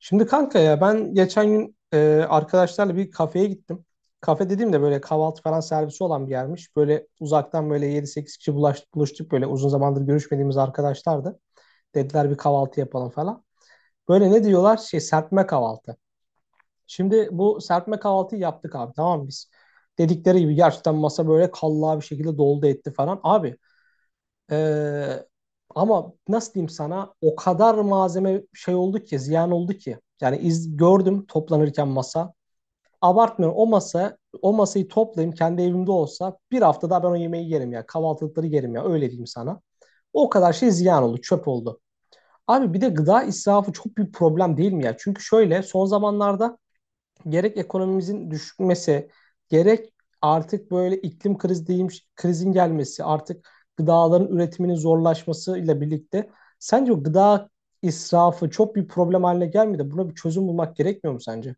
Şimdi kanka ya ben geçen gün arkadaşlarla bir kafeye gittim. Kafe dediğim de böyle kahvaltı falan servisi olan bir yermiş. Böyle uzaktan böyle yedi sekiz kişi buluştuk, böyle uzun zamandır görüşmediğimiz arkadaşlardı. Dediler bir kahvaltı yapalım falan. Böyle ne diyorlar? Şey, serpme kahvaltı. Şimdi bu serpme kahvaltıyı yaptık abi, tamam mı biz? Dedikleri gibi gerçekten masa böyle kallavi bir şekilde doldu etti falan. Abi ee, ama nasıl diyeyim sana, o kadar malzeme şey oldu ki, ziyan oldu ki. Yani gördüm toplanırken masa. Abartmıyorum, o masa o masayı toplayayım kendi evimde olsa bir hafta daha ben o yemeği yerim ya. Kahvaltılıkları yerim ya, öyle diyeyim sana. O kadar şey ziyan oldu, çöp oldu. Abi bir de gıda israfı çok büyük problem değil mi ya? Çünkü şöyle son zamanlarda gerek ekonomimizin düşmesi, gerek artık böyle iklim krizi diyeyim, krizin gelmesi, artık gıdaların üretiminin zorlaşmasıyla birlikte sence o gıda israfı çok bir problem haline gelmedi. Buna bir çözüm bulmak gerekmiyor mu sence?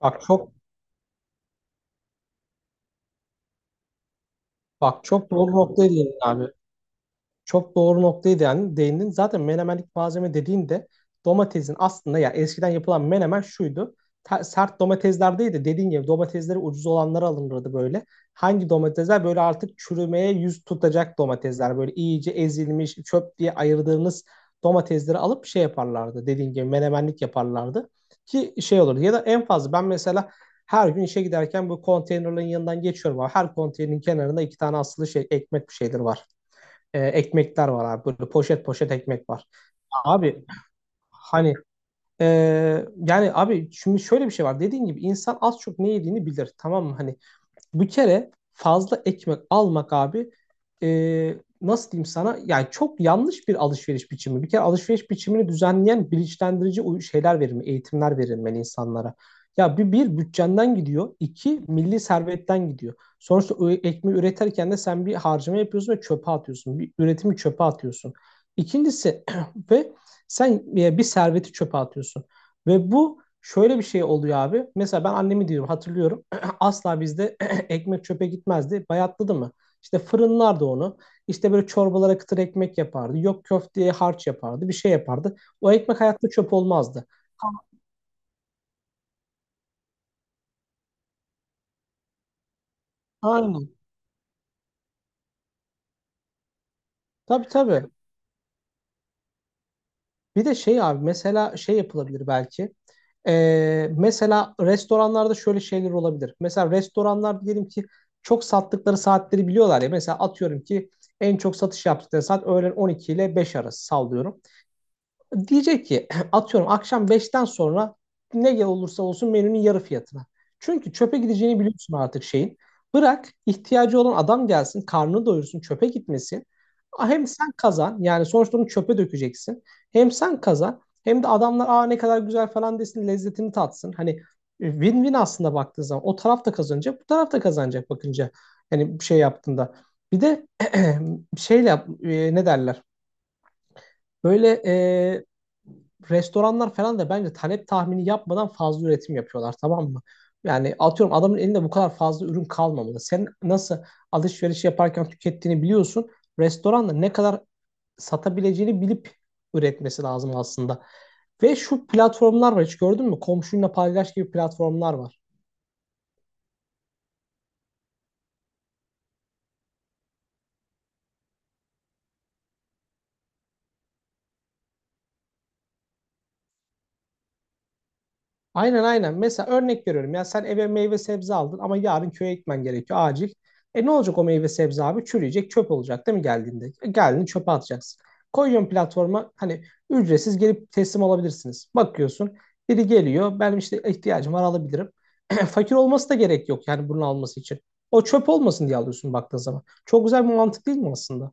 Bak çok Bak, çok doğru noktaya değindin abi. Çok doğru noktaya değindin. Zaten menemenlik malzeme dediğinde domatesin aslında, ya eskiden yapılan menemen şuydu. Sert domatesler değil de, dediğin gibi domatesleri ucuz olanları alınırdı böyle. Hangi domatesler böyle artık çürümeye yüz tutacak domatesler, böyle iyice ezilmiş çöp diye ayırdığınız domatesleri alıp şey yaparlardı. Dediğin gibi menemenlik yaparlardı ki şey olur. Ya da en fazla ben mesela her gün işe giderken bu konteynerların yanından geçiyorum abi. Her konteynerin kenarında iki tane asılı şey, ekmek, bir şeyler var, ekmekler var abi. Böyle poşet poşet ekmek var. Abi hani e, yani abi şimdi şöyle bir şey var. Dediğin gibi insan az çok ne yediğini bilir. Tamam mı? Hani bir kere fazla ekmek almak abi, e, nasıl diyeyim sana, yani çok yanlış bir alışveriş biçimi. Bir kere alışveriş biçimini düzenleyen bilinçlendirici şeyler verilmeli, eğitimler verilmeli insanlara. Ya bir, bir bütçenden gidiyor, iki milli servetten gidiyor. Sonuçta o ekmeği üretirken de sen bir harcama yapıyorsun ve çöpe atıyorsun. Bir üretimi çöpe atıyorsun. İkincisi ve sen bir serveti çöpe atıyorsun. Ve bu şöyle bir şey oluyor abi. Mesela ben annemi diyorum, hatırlıyorum. Asla bizde ekmek çöpe gitmezdi. Bayatladı mı? İşte fırınlardı onu. İşte böyle çorbalara kıtır ekmek yapardı. Yok, köfteye harç yapardı. Bir şey yapardı. O ekmek hayatta çöp olmazdı. Aynen. Tabii, tabii. Bir de şey abi, mesela şey yapılabilir belki. Mesela restoranlarda şöyle şeyler olabilir. Mesela restoranlar diyelim ki çok sattıkları saatleri biliyorlar ya. Mesela atıyorum ki en çok satış yaptıkları saat öğlen 12 ile 5 arası, sallıyorum. Diyecek ki atıyorum, akşam beşten sonra ne olursa olsun menünün yarı fiyatına. Çünkü çöpe gideceğini biliyorsun artık şeyin. Bırak ihtiyacı olan adam gelsin, karnını doyursun, çöpe gitmesin. Hem sen kazan, yani sonuçta onu çöpe dökeceksin. Hem sen kazan, hem de adamlar aa ne kadar güzel falan desin, lezzetini tatsın. Hani win-win aslında, baktığın zaman o taraf da kazanacak, bu taraf da kazanacak bakınca, hani bir şey yaptığında. Bir de ne derler? Böyle restoranlar falan da bence talep tahmini yapmadan fazla üretim yapıyorlar, tamam mı? Yani atıyorum adamın elinde bu kadar fazla ürün kalmamalı. Sen nasıl alışveriş yaparken tükettiğini biliyorsun. Restoranda ne kadar satabileceğini bilip üretmesi lazım aslında. Ve şu platformlar var, hiç gördün mü? Komşunla paylaş gibi platformlar var. Aynen. Mesela örnek veriyorum, ya sen eve meyve sebze aldın ama yarın köye gitmen gerekiyor acil. E ne olacak o meyve sebze abi? Çürüyecek, çöp olacak değil mi geldiğinde? E, Geldiğinde çöpe atacaksın. Koyuyorsun platforma, hani ücretsiz gelip teslim alabilirsiniz. Bakıyorsun biri geliyor, benim işte ihtiyacım var, alabilirim. Fakir olması da gerek yok yani bunun alması için. O çöp olmasın diye alıyorsun baktığın zaman. Çok güzel bir mantık değil mi aslında?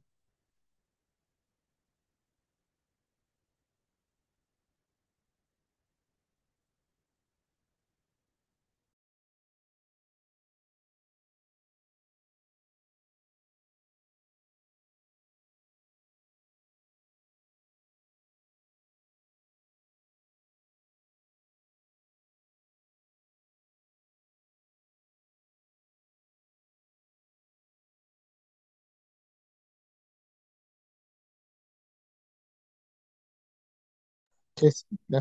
Kesinlikle.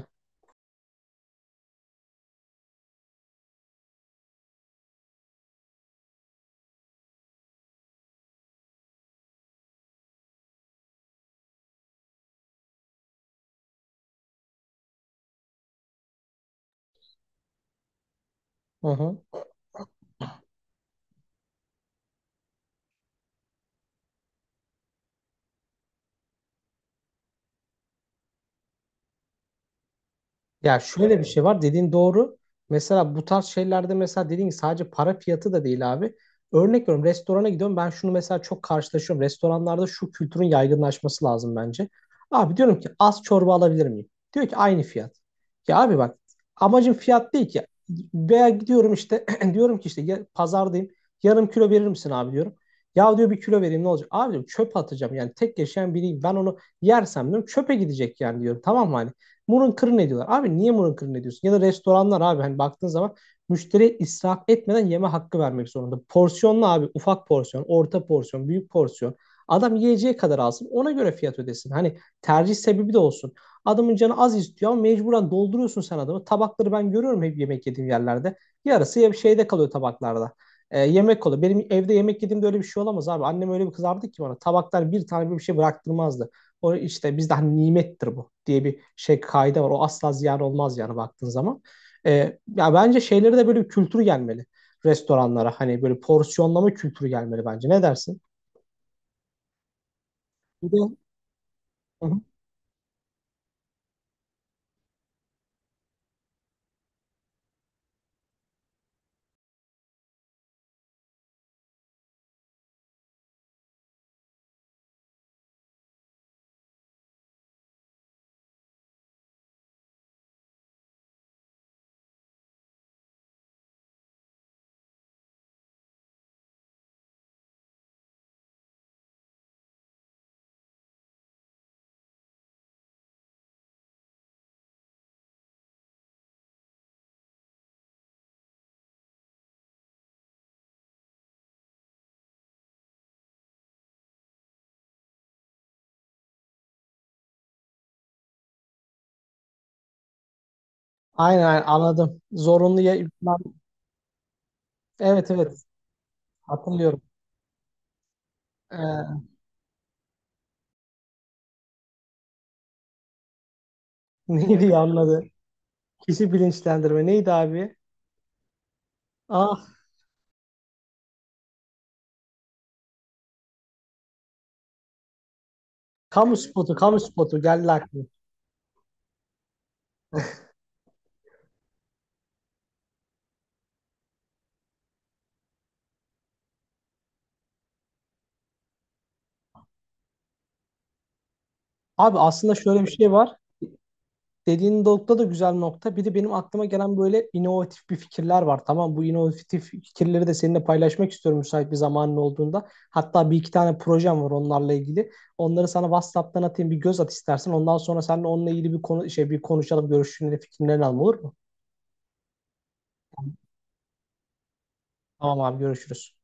Hı hı. Ya şöyle bir şey var, dediğin doğru. Mesela bu tarz şeylerde mesela dediğin gibi sadece para fiyatı da değil abi. Örnek veriyorum, restorana gidiyorum ben, şunu mesela çok karşılaşıyorum. Restoranlarda şu kültürün yaygınlaşması lazım bence. Abi diyorum ki, az çorba alabilir miyim? Diyor ki aynı fiyat. Ya abi bak, amacım fiyat değil ki. Veya gidiyorum işte diyorum ki, işte ya, pazardayım, yarım kilo verir misin abi diyorum. Ya diyor, bir kilo vereyim ne olacak? Abi diyorum çöp atacağım, yani tek yaşayan biriyim ben, onu yersem diyorum çöpe gidecek yani diyorum, tamam mı hani. Murun kırın ediyorlar. Abi niye murun kırın ediyorsun? Ya da restoranlar abi, hani baktığın zaman müşteriye israf etmeden yeme hakkı vermek zorunda. Porsiyonlu abi, ufak porsiyon, orta porsiyon, büyük porsiyon. Adam yiyeceği kadar alsın, ona göre fiyat ödesin. Hani tercih sebebi de olsun. Adamın canı az istiyor ama mecburen dolduruyorsun sen adamı. Tabakları ben görüyorum hep yemek yediğim yerlerde. Yarısı ya bir şeyde kalıyor tabaklarda. Yemek oluyor. Benim evde yemek yediğimde öyle bir şey olamaz abi. Annem öyle bir kızardı ki bana. Tabaklar bir tane bir şey bıraktırmazdı. O işte bizde hani nimettir bu diye bir şey, kaide var. O asla ziyan olmaz yani baktığın zaman. E, ya bence şeyleri de böyle bir kültür gelmeli restoranlara. Hani böyle porsiyonlama kültürü gelmeli bence. Ne dersin? Bir de, hı hı, aynen, aynen, anladım. Zorunlu ya, ben- evet, evet, hatırlıyorum. Ee, Neydi, anladı? Kişi bilinçlendirme, neydi abi? Ah, kamu spotu, kamu spotu geldi aklıma. Abi aslında şöyle bir şey var, dediğin nokta da güzel nokta. Bir de benim aklıma gelen böyle inovatif bir fikirler var. Tamam, bu inovatif fikirleri de seninle paylaşmak istiyorum müsait bir zamanın olduğunda. Hatta bir iki tane projem var onlarla ilgili. Onları sana WhatsApp'tan atayım, bir göz at istersen. Ondan sonra seninle onunla ilgili bir konu, şey, bir konuşalım, görüşlerini, fikirlerini alalım, olur mu? Tamam abi, görüşürüz.